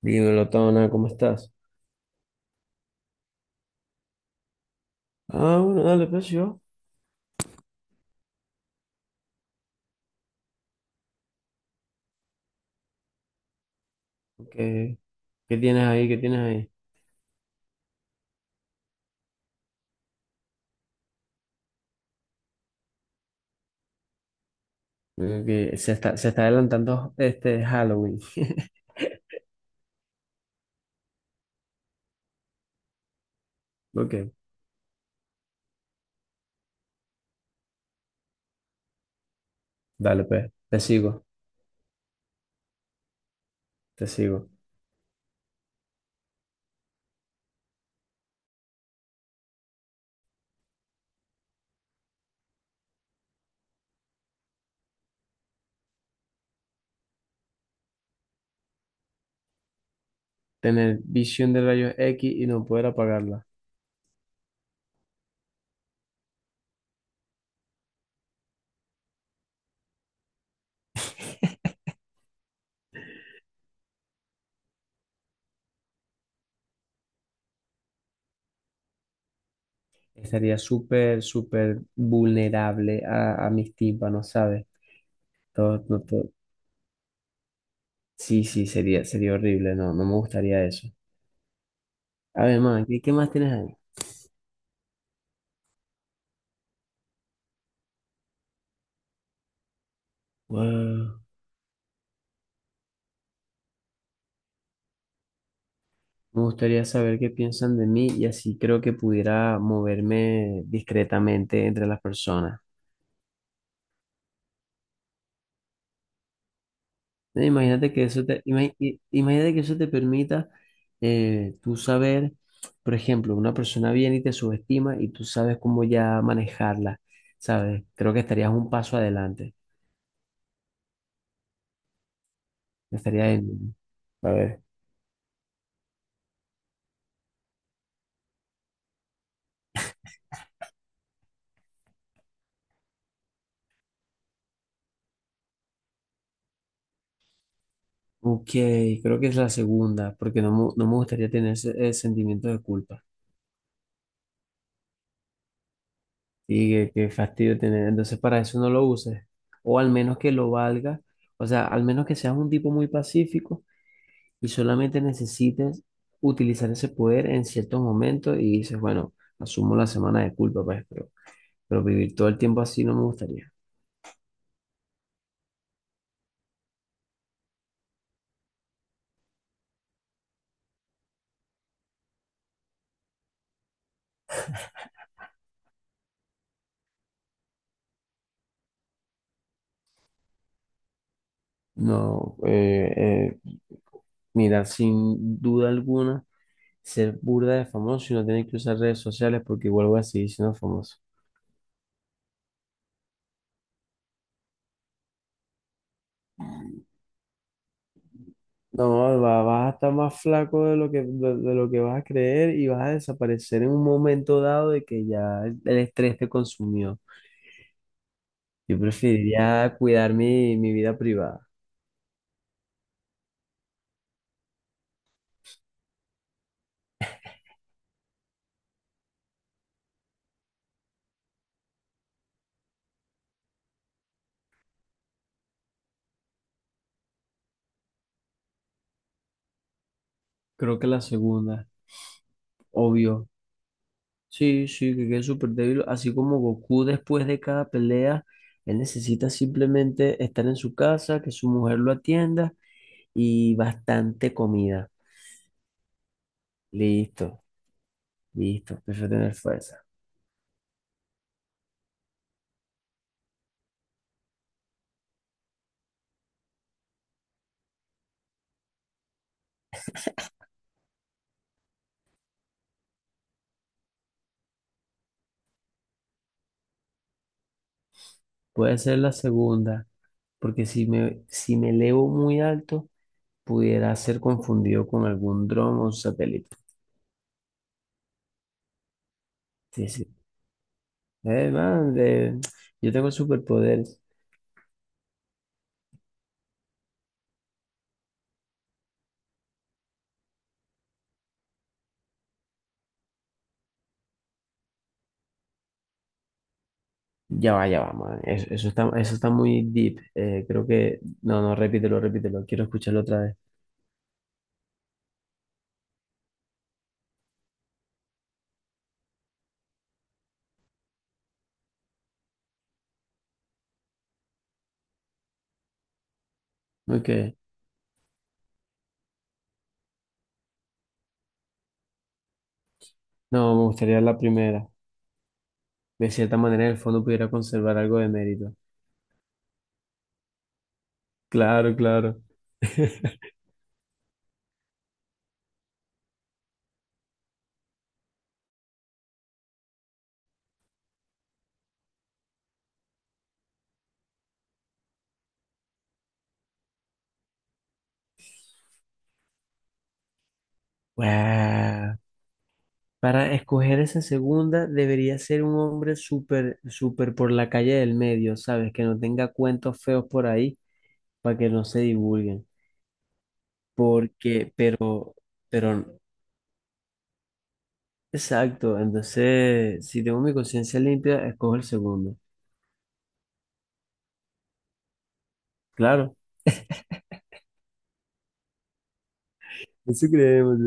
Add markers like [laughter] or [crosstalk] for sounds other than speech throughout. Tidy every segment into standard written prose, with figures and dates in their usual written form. Dímelo, Tona, ¿cómo estás? Ah, bueno, dale, pues yo. ¿Qué, qué tienes ahí? ¿Qué tienes ahí? Veo que se está adelantando este Halloween. [laughs] Ok, dale, pues, te sigo. Tener visión de rayos X y no poder apagarla. Estaría súper vulnerable a mis tímpanos, ¿sabes? Todo, no, todo- Sí, sí, sería horrible, no, no me gustaría eso. A ver, man, ¿qué, qué más tienes ahí? Wow. Me gustaría saber qué piensan de mí y así creo que pudiera moverme discretamente entre las personas. Imagínate que eso te, imagínate que eso te permita tú saber, por ejemplo, una persona viene y te subestima y tú sabes cómo ya manejarla, ¿sabes? Creo que estarías un paso adelante. Estarías en... A ver. Ok, creo que es la segunda, porque no, no me gustaría tener ese sentimiento de culpa. Sí, qué, qué fastidio tener. Entonces, para eso no lo uses. O al menos que lo valga. O sea, al menos que seas un tipo muy pacífico y solamente necesites utilizar ese poder en ciertos momentos y dices, bueno, asumo la semana de culpa, pues, pero vivir todo el tiempo así no me gustaría. No, eh, mira, sin duda alguna, ser burda de famoso y no tener que usar redes sociales porque igual voy a seguir siendo famoso. No, vas a estar más flaco de lo que vas a creer y vas a desaparecer en un momento dado de que ya el estrés te consumió. Yo preferiría cuidar mi, mi vida privada. Creo que la segunda, obvio. Sí, sí, que quede súper débil. Así como Goku después de cada pelea, él necesita simplemente estar en su casa, que su mujer lo atienda y bastante comida. Listo, listo. Prefiero tener fuerza. Puede ser la segunda. Porque si me elevo muy alto, pudiera ser confundido con algún dron o satélite. Sí, sí. Man, de- yo tengo superpoderes. Ya va, man. Eso está muy deep. Creo que... No, no, repítelo. Quiero escucharlo otra vez. Ok. No, me gustaría la primera. De cierta manera, en el fondo pudiera conservar algo de mérito. Claro, claro. [laughs] Wow. Para escoger esa segunda, debería ser un hombre súper por la calle del medio, ¿sabes? Que no tenga cuentos feos por ahí para que no se divulguen. Porque, pero, exacto. Entonces, si tengo mi conciencia limpia, escojo el segundo. Claro. Eso creemos.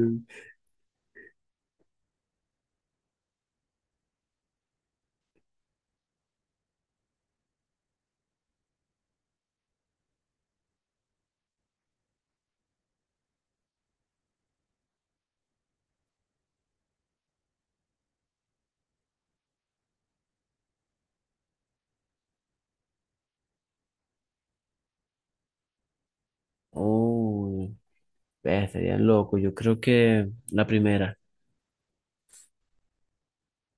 Oh, estaría loco. Yo creo que la primera.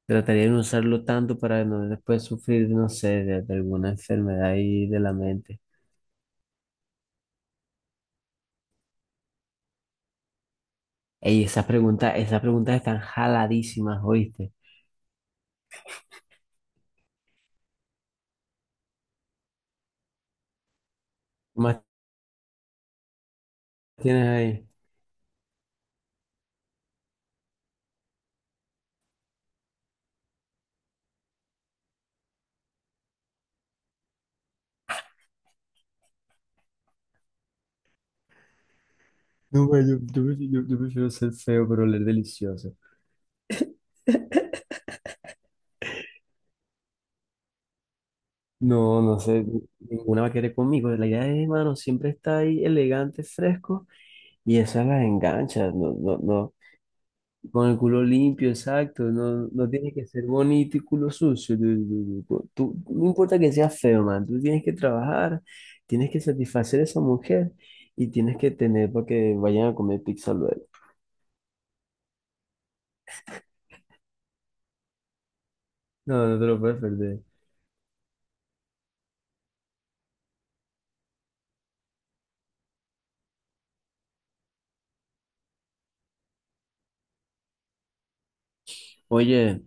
Trataría de no usarlo tanto para no después sufrir, no sé, de alguna enfermedad ahí de la mente. Ey, esas preguntas están jaladísimas, ¿oíste? ¿Qué más tienes ahí? No, ma, yo prefiero ser feo, pero oler delicioso. No, no sé, ninguna va a querer conmigo. La idea es, hermano, siempre está ahí elegante, fresco, y esa las engancha, no, no, no. Con el culo limpio, exacto, no, no tiene que ser bonito y culo sucio. Tú, Tú, no importa que seas feo, man, tú tienes que trabajar, tienes que satisfacer a esa mujer y tienes que tener para que vayan a comer pizza luego. No, no te lo puedes perder. Oye,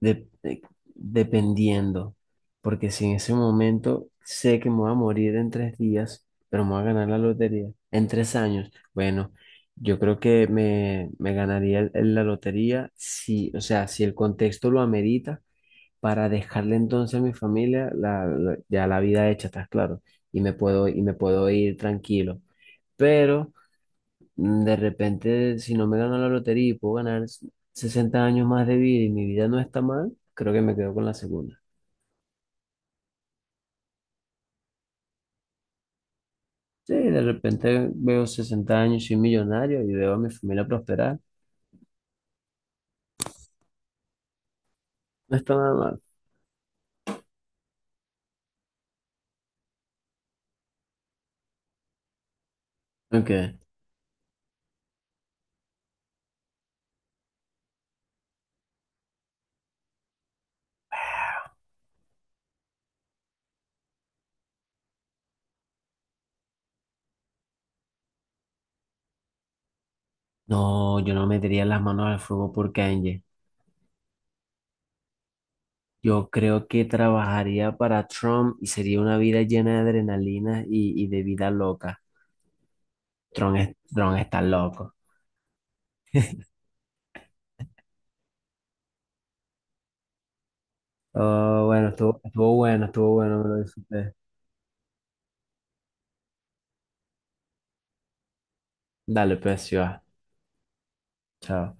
de- de- dependiendo, porque si en ese momento sé que me voy a morir en 3 días, pero me voy a ganar la lotería en 3 años, bueno, yo creo que me ganaría la lotería si, o sea, si el contexto lo amerita para dejarle entonces a mi familia ya la vida hecha, ¿estás claro? Y y me puedo ir tranquilo. Pero mm, de repente, si no me gano la lotería y puedo ganar s- 60 años más de vida y mi vida no está mal, creo que me quedo con la segunda. Sí, de repente veo 60 años, soy millonario y veo a mi familia prosperar. No está nada mal. Aunque, no, yo no metería las manos al fuego por Kanye. Yo creo que trabajaría para Trump y sería una vida llena de adrenalina y de vida loca. Trump, es- Trump está loco. Oh, bueno, estuvo bueno, estuvo bueno, me lo disfruté. Dale, pues, sí va. Chao.